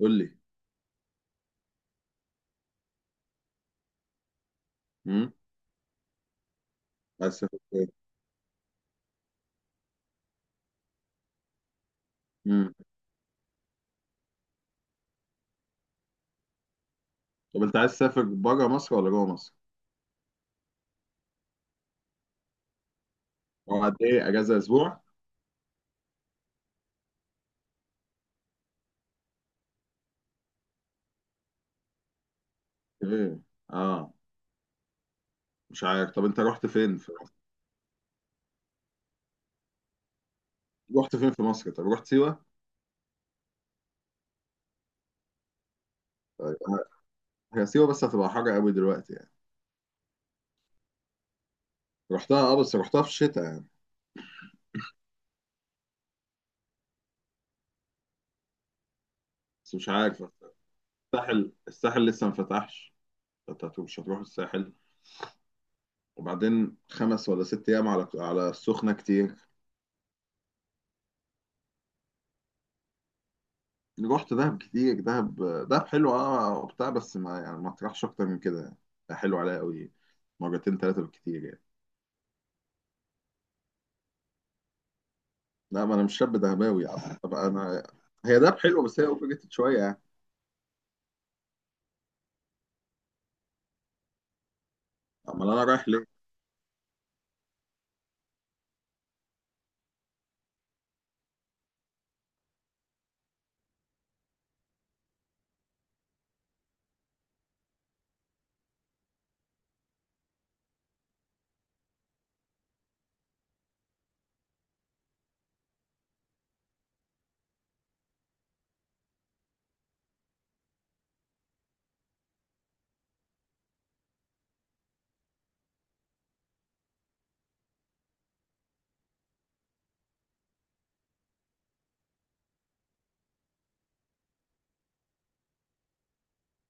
قول لي. امم. عايز تسافر فين؟ امم طب انت عايز تسافر بره مصر ولا جوه مصر؟ هو قد ايه اجازه، اسبوع؟ ايه، اه. مش عارف، طب انت رحت فين في مصر؟ رحت فين في مصر؟ طب رحت سيوه؟ طيب، ه- هي سيوه بس هتبقى حر قوي دلوقتي يعني. رحتها اه، بس رحتها في الشتاء يعني. بس مش عارف، الساحل لسه ما فتحش، مش هتروح الساحل. وبعدين 5 ولا 6 ايام على السخنه كتير. رحت دهب كتير. دهب دهب حلو اه وبتاع بس ما يعني ما تروحش اكتر من كده يعني، حلو عليا قوي. مرتين ثلاثه بالكتير يعني. لا، ما انا مش شاب دهباوي يعني، طبعا انا. هي دهب حلوه بس هي اوفر شويه يعني. امال انا رايح ليه؟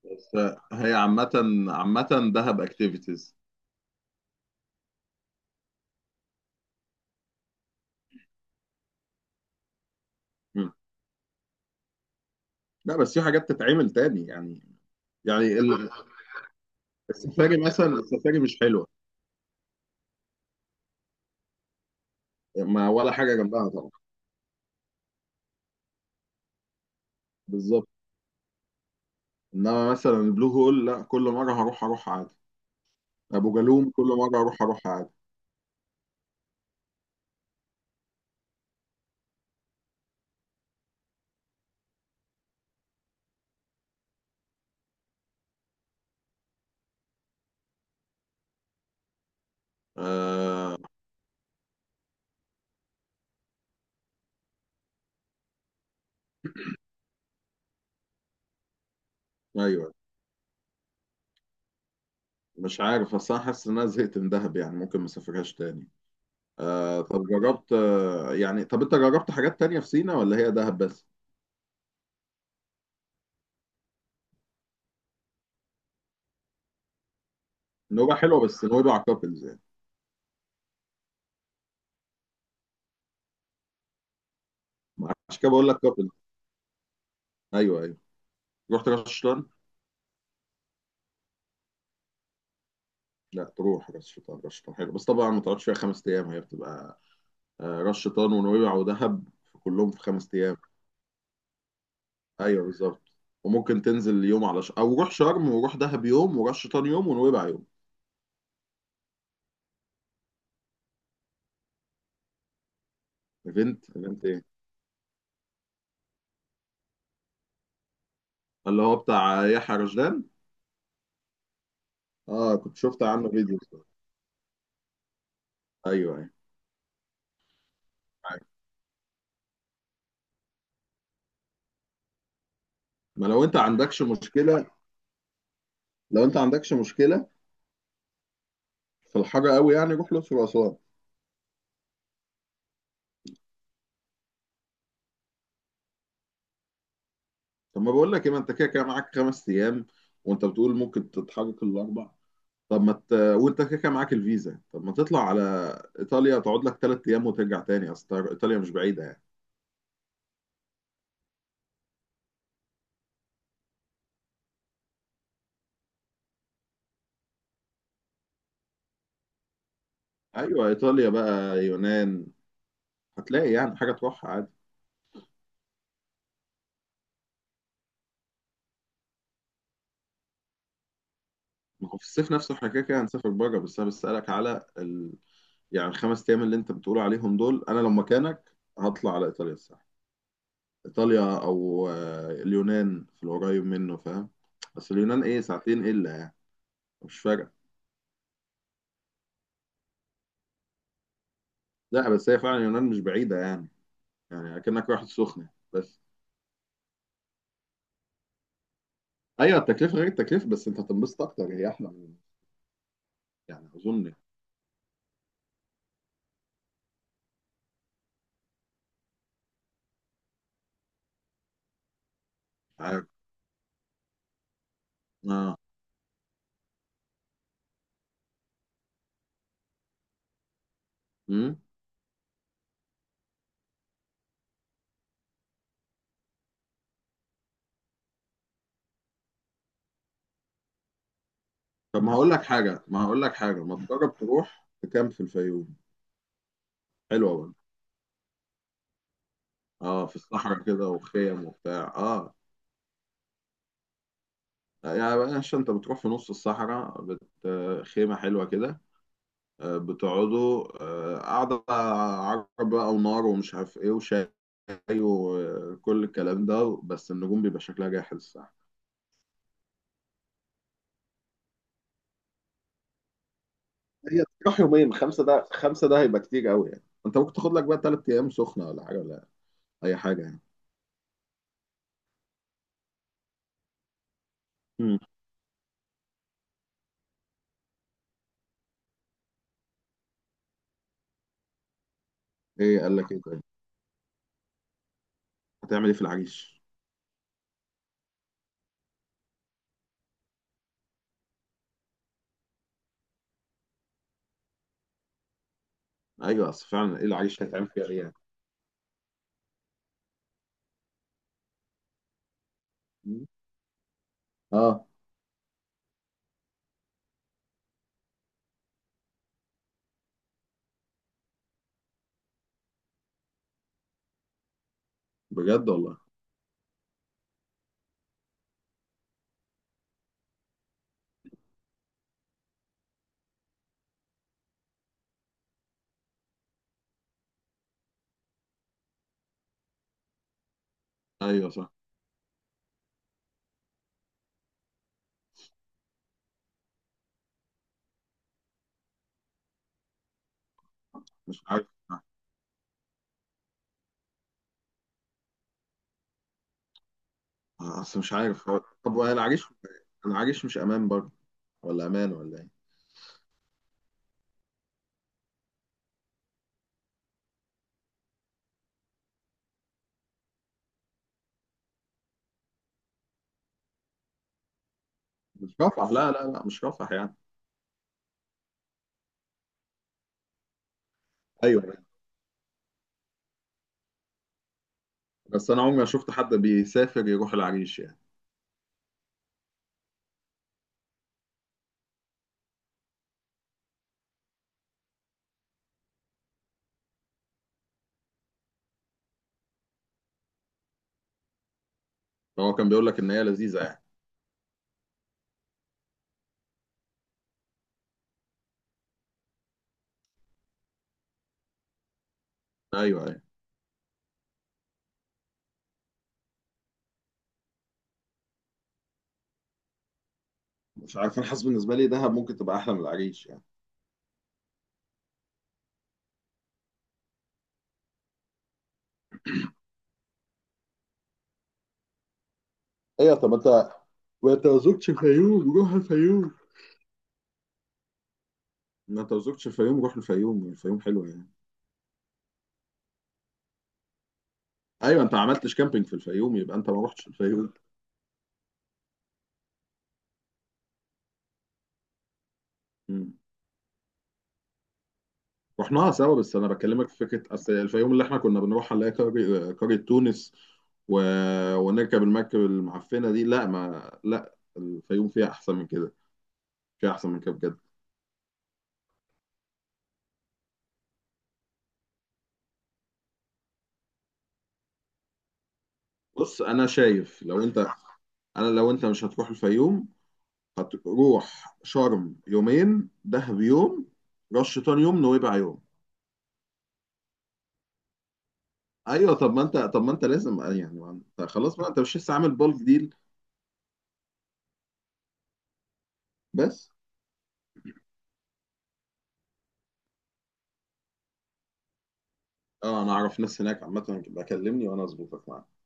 بس هي عامه، عامه دهب اكتيفيتيز. لا بس في حاجات تتعمل تاني يعني. يعني السفاري مثلا، السفاري مش حلوه، ما ولا حاجه جنبها طبعا. بالظبط. انما مثلا البلو هول، لا كل مره هروح اروح عادي. ابو جالوم كل مره اروح اروح عادي. آه. ايوه. مش عارف بس انا حاسس ان انا زهقت من دهب يعني، ممكن ما اسافرهاش تاني. طب انت جربت حاجات تانية في سينا ولا هي دهب بس؟ نوبة حلوة، بس نوبة كابلز يعني. ما عشان كده بقول لك كابلز. ايوه ايوه. رحت راس شيطان. لا تروح راس شيطان، راس شيطان حلو بس طبعا ما تقعدش فيها 5 ايام، هي بتبقى راس شيطان ونويبع ودهب كلهم في 5 ايام. ايوه بالظبط. وممكن تنزل يوم على او روح شرم وروح دهب يوم وراس شيطان يوم ونويبع يوم. ايفنت اللي هو بتاع يحيى رشدان. اه كنت شفت عنه فيديو. ايوه ايوه. عارف. ما لو انت عندكش مشكله في الحر قوي يعني، روح الاقصر واسوان. طب ما بقول لك ايه، ما انت كده كده معاك 5 ايام وانت بتقول ممكن تتحرك الاربع. طب ما ت... وانت كده كده معاك الفيزا، طب ما تطلع على ايطاليا تقعد لك 3 ايام وترجع تاني، اصل ايطاليا مش بعيده يعني. ايوه ايطاليا بقى، يونان، هتلاقي يعني حاجه تروحها عادي. ما هو في الصيف نفسه احنا كده كده هنسافر بره، بس انا بسألك على يعني الخمس ايام اللي انت بتقول عليهم دول، انا لو مكانك هطلع على ايطاليا الساحل، ايطاليا او اليونان في القريب منه، فاهم. بس اليونان ايه، ساعتين الا يعني، مش فارقه. لا بس هي فعلا اليونان مش بعيده يعني، يعني اكنك رايح السخنه بس. ايوه التكلفه غير التكلفه، بس انت هتنبسط اكتر، هي احلى من. يعني اظن يعني، مش عارف. اه. امم طب ما هقول لك حاجه، ما هقول لك حاجه، ما تجرب تروح تكامب في الفيوم. حلوه برضه. اه، في الصحراء كده وخيم وبتاع اه. يعني بلاش، انت بتروح في نص الصحراء خيمة حلوة كده، آه، بتقعدوا قعدة عرب بقى ونار ومش عارف ايه وشاي وكل الكلام ده، بس النجوم بيبقى شكلها جاحظ الصراحة. هي تروح يومين، خمسة ده، خمسة ده هيبقى كتير قوي يعني، انت ممكن تاخد لك بقى 3 ايام سخنة ولا حاجة ولا اي حاجة يعني. مم. ايه قال لك ايه؟ طيب هتعمل ايه في العريش؟ ايوه اصل فعلا ايه العريش هيتعمل فيها ايه يعني. مم. اه. بجد والله؟ ايوه صح. مش عارف. اصل مش عارف طب والعريش، العريش مش امان برضه، ولا امان ولا ايه؟ مش رفح، لا لا لا مش رفح يعني. ايوه. بس انا عمري ما شفت حد بيسافر يروح العريش يعني. هو كان بيقول لك ان هي لذيذه يعني؟ ايوه ايوه. مش عارف، انا حاسس بالنسبه لي دهب ممكن تبقى احلى من العريش يعني. ايوه طب انت، ما انت ما زرتش الفيوم، روح الفيوم. ما انت ما زرتش الفيوم، روح الفيوم، الفيوم حلوه يعني. ايوه انت ما عملتش كامبينج في الفيوم يبقى انت ما رحتش الفيوم. مم. رحناها سوا بس انا بكلمك في فكره، اصل الفيوم اللي احنا كنا بنروح نلاقي قرية، قرية تونس و... ونركب المركب المعفنه دي، لا ما لا، الفيوم فيها احسن من كده، فيها احسن من كده بجد. بص انا شايف لو انت انا لو انت مش هتروح الفيوم، هتروح شرم يومين، دهب يوم، رش شيطان يوم، نويبع يوم. ايوه طب ما انت لازم يعني، ما انت خلاص بقى، انت مش لسه عامل بالك ديل. بس اه انا اعرف ناس هناك عامه، بكلمني وانا اظبطك معاك.